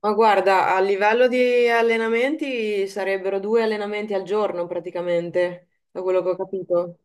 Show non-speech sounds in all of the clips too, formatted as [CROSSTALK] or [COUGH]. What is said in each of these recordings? Ma guarda, a livello di allenamenti sarebbero due allenamenti al giorno praticamente, da quello che ho capito.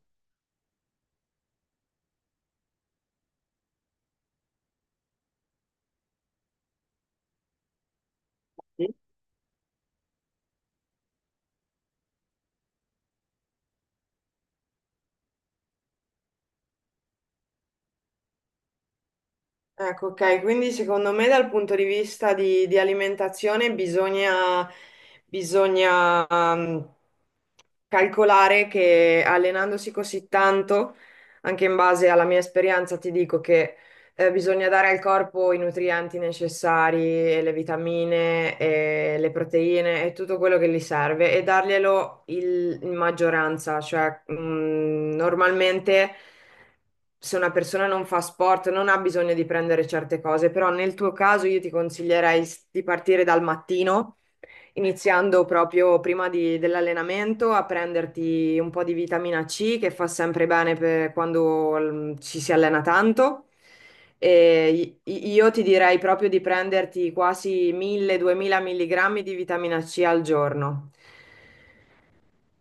Ecco, ok, quindi secondo me dal punto di vista di alimentazione bisogna calcolare che allenandosi così tanto, anche in base alla mia esperienza, ti dico che bisogna dare al corpo i nutrienti necessari, e le vitamine, e le proteine e tutto quello che gli serve e darglielo in maggioranza, cioè normalmente se una persona non fa sport, non ha bisogno di prendere certe cose, però nel tuo caso io ti consiglierei di partire dal mattino, iniziando proprio prima dell'allenamento a prenderti un po' di vitamina C che fa sempre bene per quando ci si allena tanto. E io ti direi proprio di prenderti quasi 1.000-2.000 mg di vitamina C al giorno.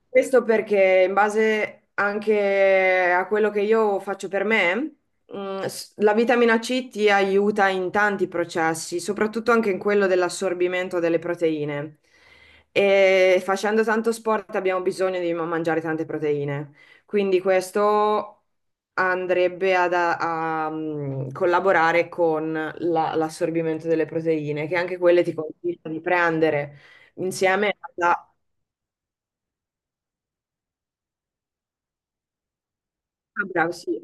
Questo perché in base anche a quello che io faccio per me, la vitamina C ti aiuta in tanti processi, soprattutto anche in quello dell'assorbimento delle proteine. E facendo tanto sport abbiamo bisogno di mangiare tante proteine. Quindi questo andrebbe a collaborare con l'assorbimento delle proteine, che anche quelle ti consiglio di prendere insieme alla. Ah, bravo, sì.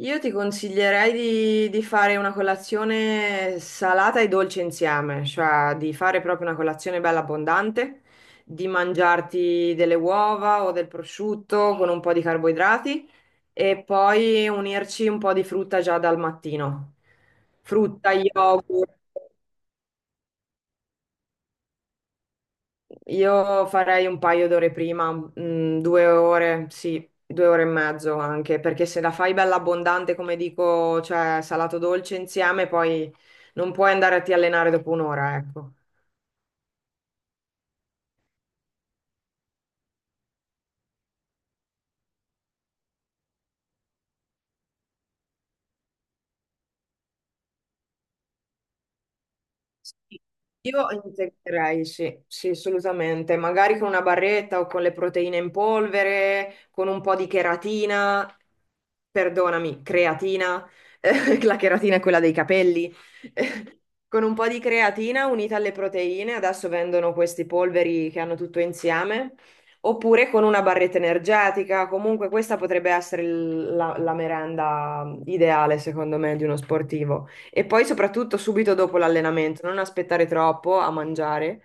Io ti consiglierei di fare una colazione salata e dolce insieme, cioè di fare proprio una colazione bella abbondante, di mangiarti delle uova o del prosciutto con un po' di carboidrati e poi unirci un po' di frutta già dal mattino. Frutta, yogurt. Io farei un paio d'ore prima, due ore, sì, due ore e mezzo anche, perché se la fai bella abbondante, come dico, cioè salato dolce insieme, poi non puoi andare a ti allenare dopo un'ora, ecco. Sì. Io integrerei, sì, sì, assolutamente. Magari con una barretta o con le proteine in polvere, con un po' di cheratina, perdonami, creatina, [LAUGHS] La cheratina è quella dei capelli. [LAUGHS] Con un po' di creatina unita alle proteine, adesso vendono questi polveri che hanno tutto insieme, oppure con una barretta energetica. Comunque questa potrebbe essere la merenda ideale, secondo me, di uno sportivo. E poi soprattutto subito dopo l'allenamento, non aspettare troppo a mangiare,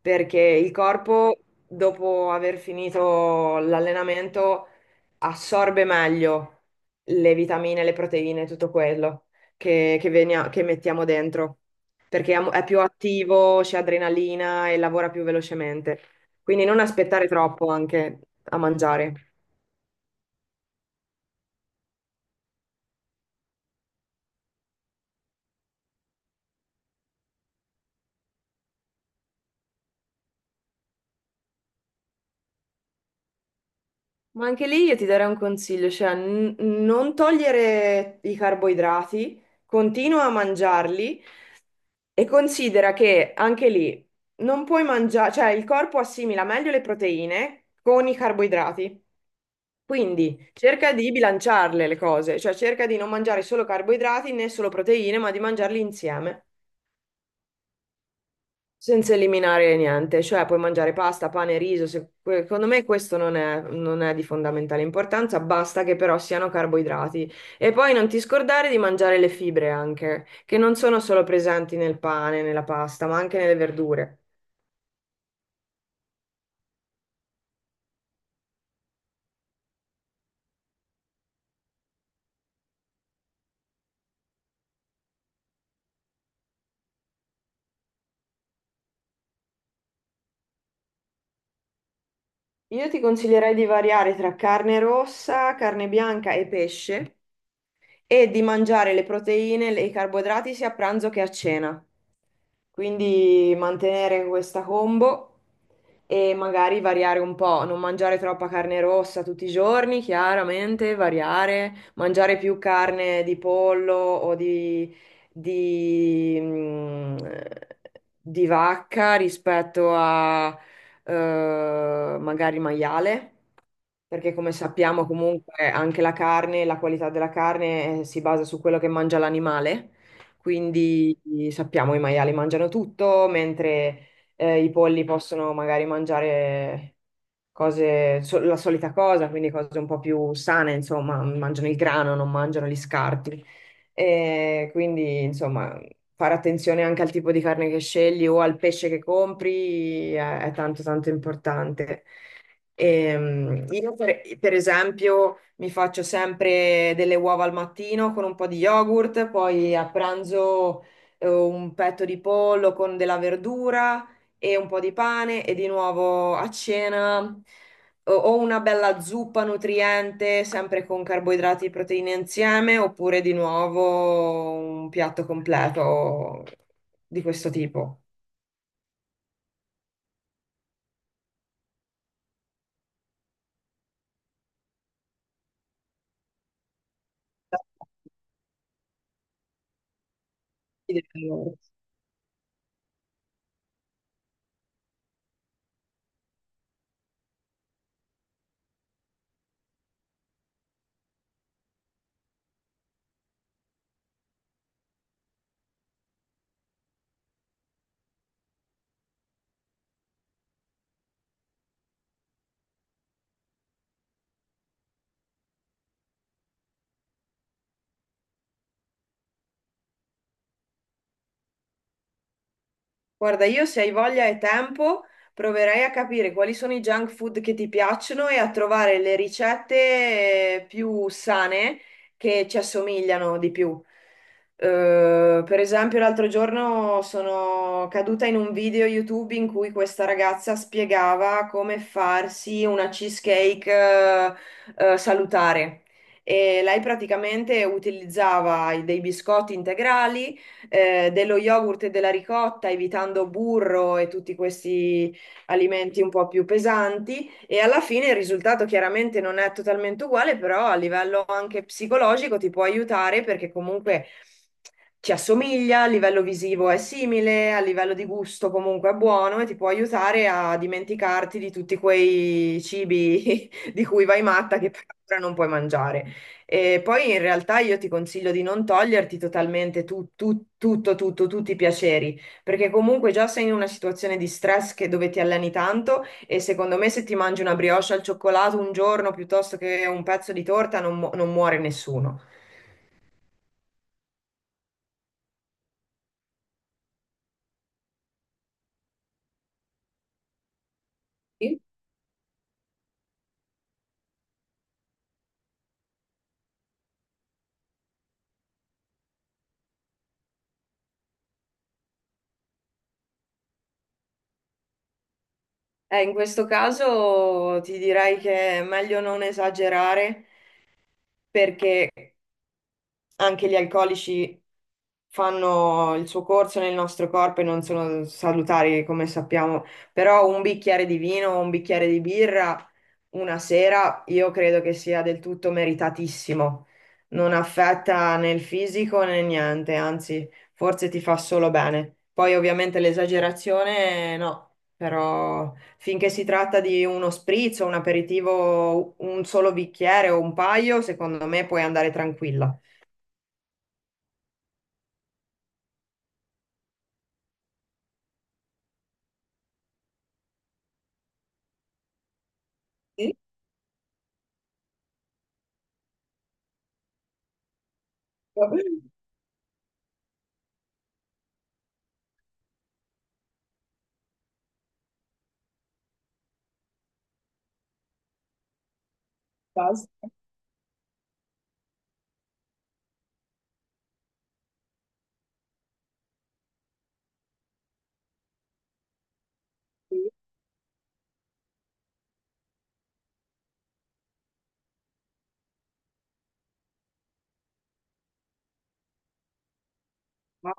perché il corpo, dopo aver finito l'allenamento, assorbe meglio le vitamine, le proteine, tutto quello che mettiamo dentro, perché è più attivo, c'è adrenalina e lavora più velocemente. Quindi non aspettare troppo anche a mangiare. Ma anche lì io ti darei un consiglio, cioè non togliere i carboidrati, continua a mangiarli e considera che anche lì non puoi mangiare, cioè il corpo assimila meglio le proteine con i carboidrati. Quindi cerca di bilanciarle le cose, cioè cerca di non mangiare solo carboidrati né solo proteine, ma di mangiarli insieme. Senza eliminare niente, cioè puoi mangiare pasta, pane, riso, secondo me questo non è di fondamentale importanza, basta che però siano carboidrati. E poi non ti scordare di mangiare le fibre anche, che non sono solo presenti nel pane, nella pasta, ma anche nelle verdure. Io ti consiglierei di variare tra carne rossa, carne bianca e pesce, e di mangiare le proteine e i carboidrati sia a pranzo che a cena. Quindi mantenere questa combo e magari variare un po', non mangiare troppa carne rossa tutti i giorni, chiaramente, variare, mangiare più carne di pollo o di, mm, di vacca rispetto a magari maiale, perché come sappiamo comunque anche la carne, la qualità della carne si basa su quello che mangia l'animale, quindi sappiamo i maiali mangiano tutto, mentre i polli possono magari mangiare cose, la solita cosa, quindi cose un po' più sane, insomma, mangiano il grano, non mangiano gli scarti. E quindi, insomma, fare attenzione anche al tipo di carne che scegli o al pesce che compri è tanto tanto importante. Io per esempio mi faccio sempre delle uova al mattino con un po' di yogurt, poi a pranzo un petto di pollo con della verdura e un po' di pane e di nuovo a cena o una bella zuppa nutriente, sempre con carboidrati e proteine insieme, oppure di nuovo un piatto completo di questo tipo. Guarda, io se hai voglia e tempo, proverei a capire quali sono i junk food che ti piacciono e a trovare le ricette più sane che ci assomigliano di più. Per esempio, l'altro giorno sono caduta in un video YouTube in cui questa ragazza spiegava come farsi una cheesecake, salutare. E lei praticamente utilizzava dei biscotti integrali dello yogurt e della ricotta, evitando burro e tutti questi alimenti un po' più pesanti e alla fine il risultato chiaramente non è totalmente uguale, però a livello anche psicologico ti può aiutare perché comunque ti assomiglia, a livello visivo è simile, a livello di gusto comunque è buono e ti può aiutare a dimenticarti di tutti quei cibi [LAUGHS] di cui vai matta che per ora non puoi mangiare. E poi in realtà io ti consiglio di non toglierti totalmente tutti i piaceri, perché comunque già sei in una situazione di stress dove ti alleni tanto e secondo me se ti mangi una brioche al cioccolato un giorno piuttosto che un pezzo di torta non muore nessuno. In questo caso ti direi che è meglio non esagerare perché anche gli alcolici fanno il suo corso nel nostro corpo e non sono salutari, come sappiamo, però un bicchiere di vino o un bicchiere di birra una sera io credo che sia del tutto meritatissimo. Non affetta né il fisico né niente, anzi, forse ti fa solo bene. Poi ovviamente l'esagerazione no, però finché si tratta di uno spritz o un aperitivo, un solo bicchiere o un paio, secondo me puoi andare tranquilla. Basta. Sì, ma-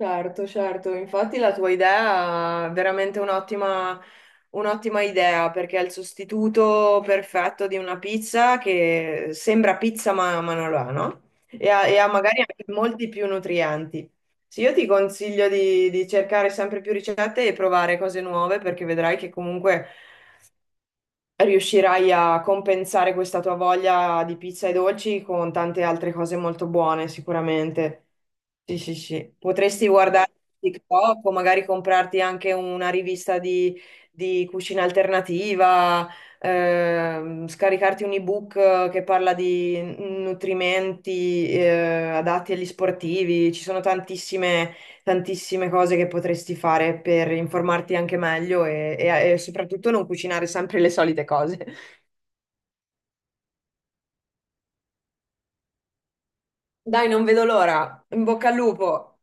Certo, certo, infatti la tua idea è veramente un'ottima un'ottima idea perché è il sostituto perfetto di una pizza che sembra pizza ma non lo è, no? E ha magari anche molti più nutrienti. Sì, io ti consiglio di cercare sempre più ricette e provare cose nuove perché vedrai che comunque riuscirai a compensare questa tua voglia di pizza e dolci con tante altre cose molto buone, sicuramente. Sì, sì, sì. Potresti guardare TikTok o magari comprarti anche una rivista di cucina alternativa, scaricarti un ebook che parla di nutrimenti, adatti agli sportivi. Ci sono tantissime tantissime cose che potresti fare per informarti anche meglio e soprattutto non cucinare sempre le solite cose. [LAUGHS] Dai, non vedo l'ora. In bocca al lupo.